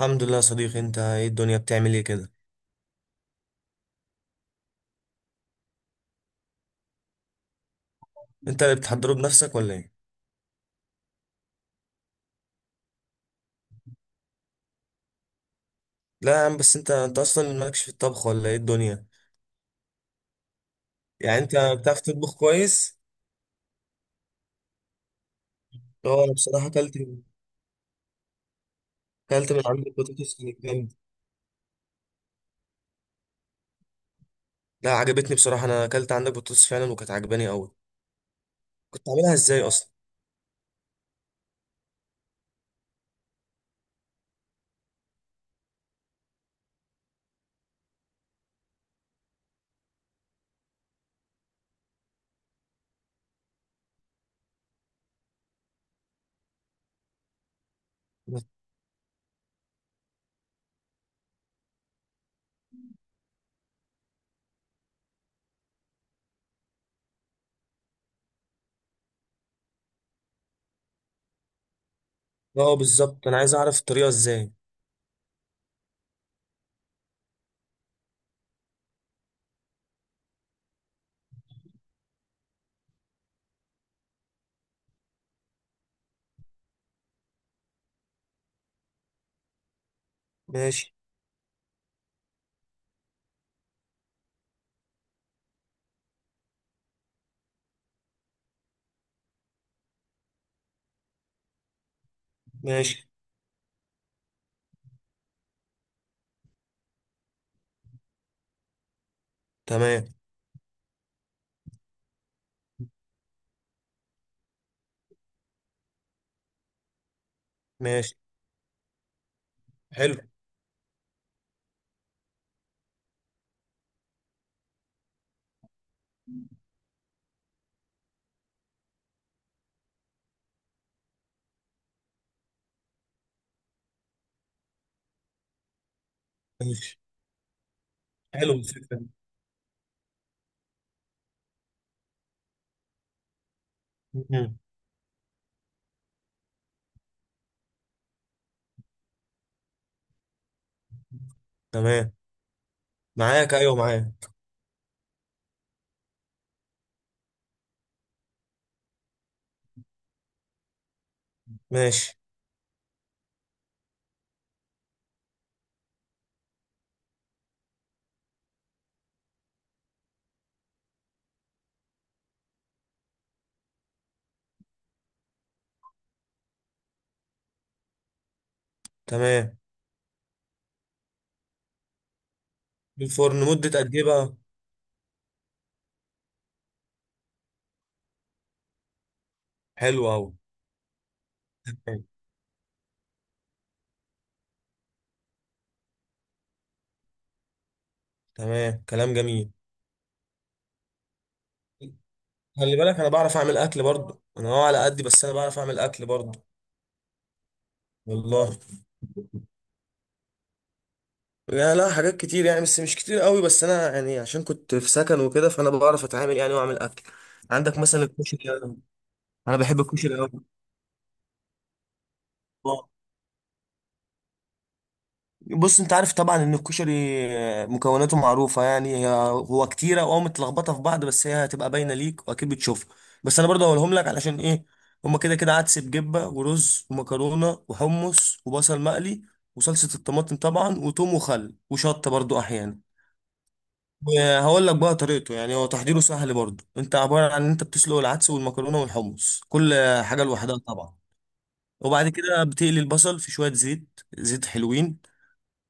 الحمد لله يا صديقي. انت ايه؟ الدنيا بتعمل ايه كده؟ انت اللي بتحضره بنفسك ولا ايه؟ لا يا عم، بس انت اصلا مالكش في الطبخ ولا ايه الدنيا؟ يعني انت بتعرف تطبخ كويس؟ اه، انا بصراحه اكلت من عندك بطاطس كانت جامده. لا، عجبتني بصراحه. انا اكلت عندك بطاطس فعلا وكانت عجباني قوي. كنت عاملها ازاي اصلا؟ اه بالظبط، انا عايز اعرف الطريقه ازاي. ماشي. ماشي. تمام. ماشي. حلو. ماشي. حلو الفكره دي. مم. تمام. معاك، ايوه معاك. ماشي. تمام. في الفرن مدة قد ايه بقى؟ حلو قوي. تمام، كلام جميل. خلي بالك، انا بعرف اعمل اكل برضه. انا هو على قدي، بس انا بعرف اعمل اكل برضه. والله. يعني لا، حاجات كتير يعني، بس مش كتير قوي. بس انا يعني عشان كنت في سكن وكده، فانا بعرف اتعامل يعني واعمل اكل. عندك مثلا الكشري. انا بحب الكشري قوي. بص، انت عارف طبعا ان الكشري مكوناته معروفه يعني، هي هو كتيره واه متلخبطه في بعض، بس هي هتبقى باينه ليك واكيد بتشوفها. بس انا برضه هقولهم لك علشان ايه. هما كده كده عدس بجبه ورز ومكرونه وحمص وبصل مقلي، وصلصه الطماطم طبعا، وتوم وخل وشطه برضه احيانا. وهقول لك بقى طريقته. يعني هو تحضيره سهل برضه، انت عباره عن ان انت بتسلق العدس والمكرونه والحمص، كل حاجه لوحدها طبعا. وبعد كده بتقلي البصل في شويه زيت، زيت حلوين.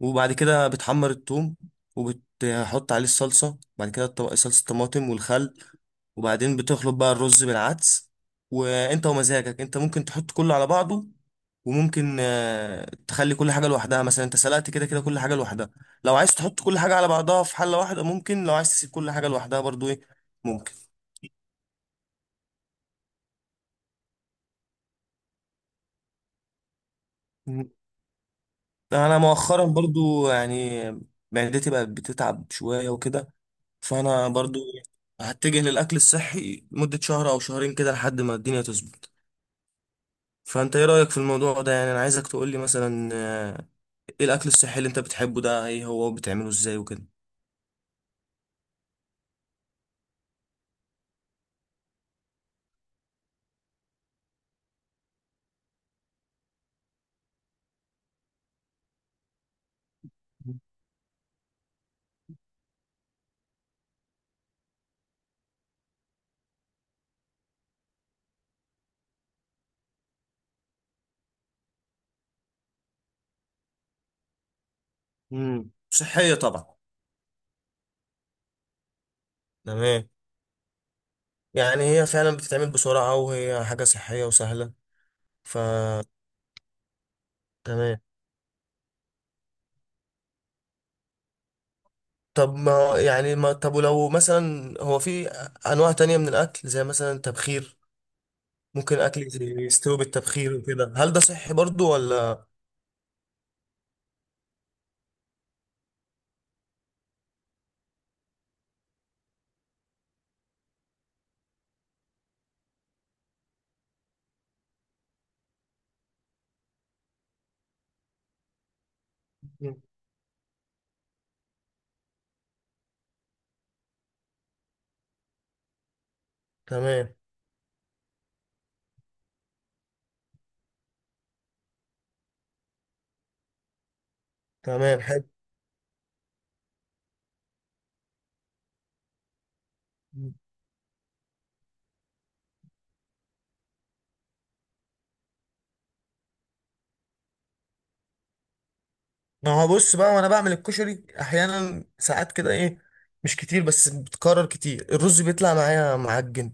وبعد كده بتحمر الثوم، وبتحط عليه الصلصة بعد كده، صلصة الطماطم والخل. وبعدين بتخلط بقى الرز بالعدس. وانت ومزاجك، انت ممكن تحط كله على بعضه، وممكن تخلي كل حاجة لوحدها. مثلا انت سلقت كده كده كل حاجة لوحدها، لو عايز تحط كل حاجة على بعضها في حلة واحدة ممكن، لو عايز تسيب كل حاجة لوحدها برضو ايه، ممكن. مم. انا مؤخرا برضو يعني معدتي بقت بتتعب شوية وكده. فانا برضو هتجه للاكل الصحي لمدة شهر او شهرين كده، لحد ما الدنيا تظبط. فانت ايه رأيك في الموضوع ده؟ يعني انا عايزك تقولي مثلا ايه الاكل الصحي اللي انت بتحبه ده، ايه هو بتعمله ازاي وكده؟ صحية طبعا. تمام. يعني هي فعلا بتتعمل بسرعة، وهي حاجة صحية وسهلة. ف تمام. طب ما يعني ما طب، ولو مثلا هو في انواع تانية من الاكل زي مثلا التبخير، ممكن اكل يستوي بالتبخير وكده؟ هل ده صحي برضو ولا؟ مم. تمام. تمام، حلو. ما هو بص بقى، وانا بعمل الكشري احيانا ساعات كده ايه، مش كتير بس بتكرر كتير، الرز بيطلع معايا معجن.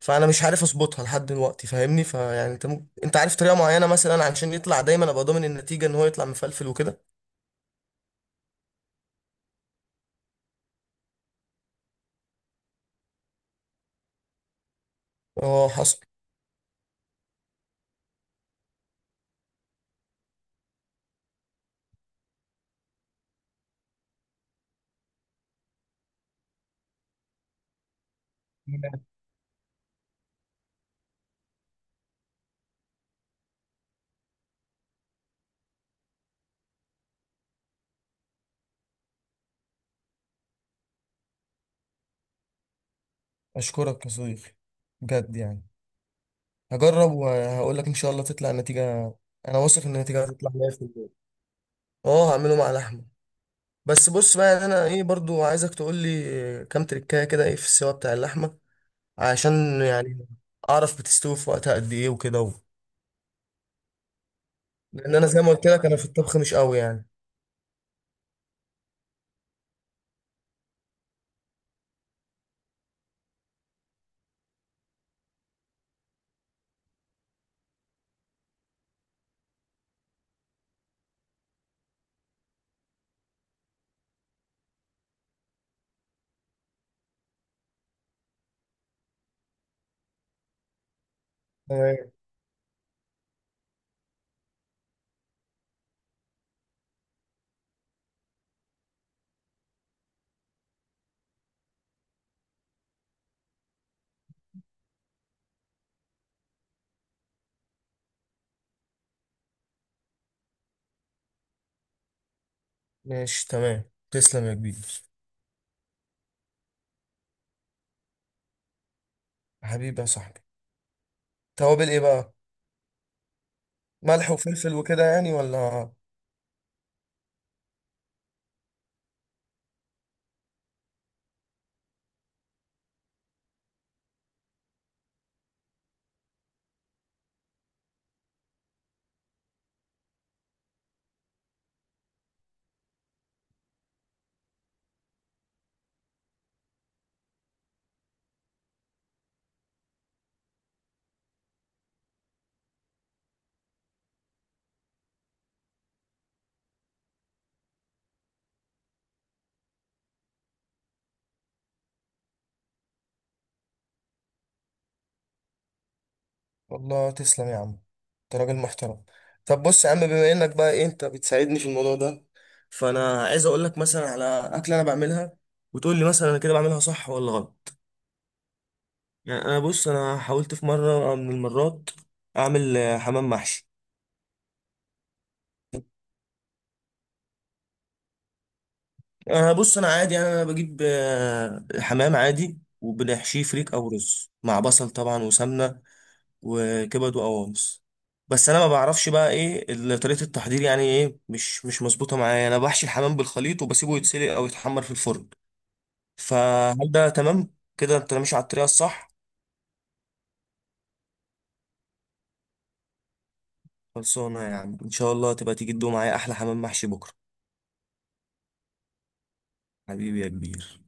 فانا مش عارف اظبطها لحد دلوقتي، فاهمني؟ فيعني انت عارف طريقه معينه مثلا عشان يطلع دايما، ابقى ضامن النتيجه ان هو يطلع مفلفل وكده؟ اه، حصل. اشكرك يا صديقي، بجد يعني. هجرب وهقول لك ان شاء الله تطلع النتيجه. انا واثق ان النتيجه هتطلع 100%. اه، هعمله مع لحمه. بس بص بقى، يعني انا ايه، برضو عايزك تقول لي كام تريكايه كده، ايه في السوا بتاع اللحمه، عشان يعني اعرف بتستوي في وقتها قد ايه وكده لان انا زي ما قلت لك، انا في الطبخ مش قوي يعني. تمام. ماشي. تمام. تسلم يا كبير. حبيبي يا صاحبي. توابل ايه بقى؟ ملح وفلفل وكده يعني، ولا؟ والله تسلم يا عم، انت راجل محترم. طب بص يا عم، بما انك بقى ايه، انت بتساعدني في الموضوع ده، فانا عايز اقول لك مثلا على اكله انا بعملها، وتقول لي مثلا انا كده بعملها صح ولا غلط. يعني انا بص، انا حاولت في مره من المرات اعمل حمام محشي. انا بص، انا عادي يعني، انا بجيب حمام عادي، وبنحشيه فريك او رز مع بصل طبعا وسمنه، وكبد وقوانص. بس انا ما بعرفش بقى ايه طريقه التحضير، يعني ايه مش مظبوطه معايا. انا بحشي الحمام بالخليط وبسيبه يتسلق او يتحمر في الفرن. فهل ده تمام كده؟ انت ماشي على الطريقه الصح؟ خلصانه يا عم، ان شاء الله تبقى تيجي تدوق معايا احلى حمام محشي بكره. حبيبي يا كبير.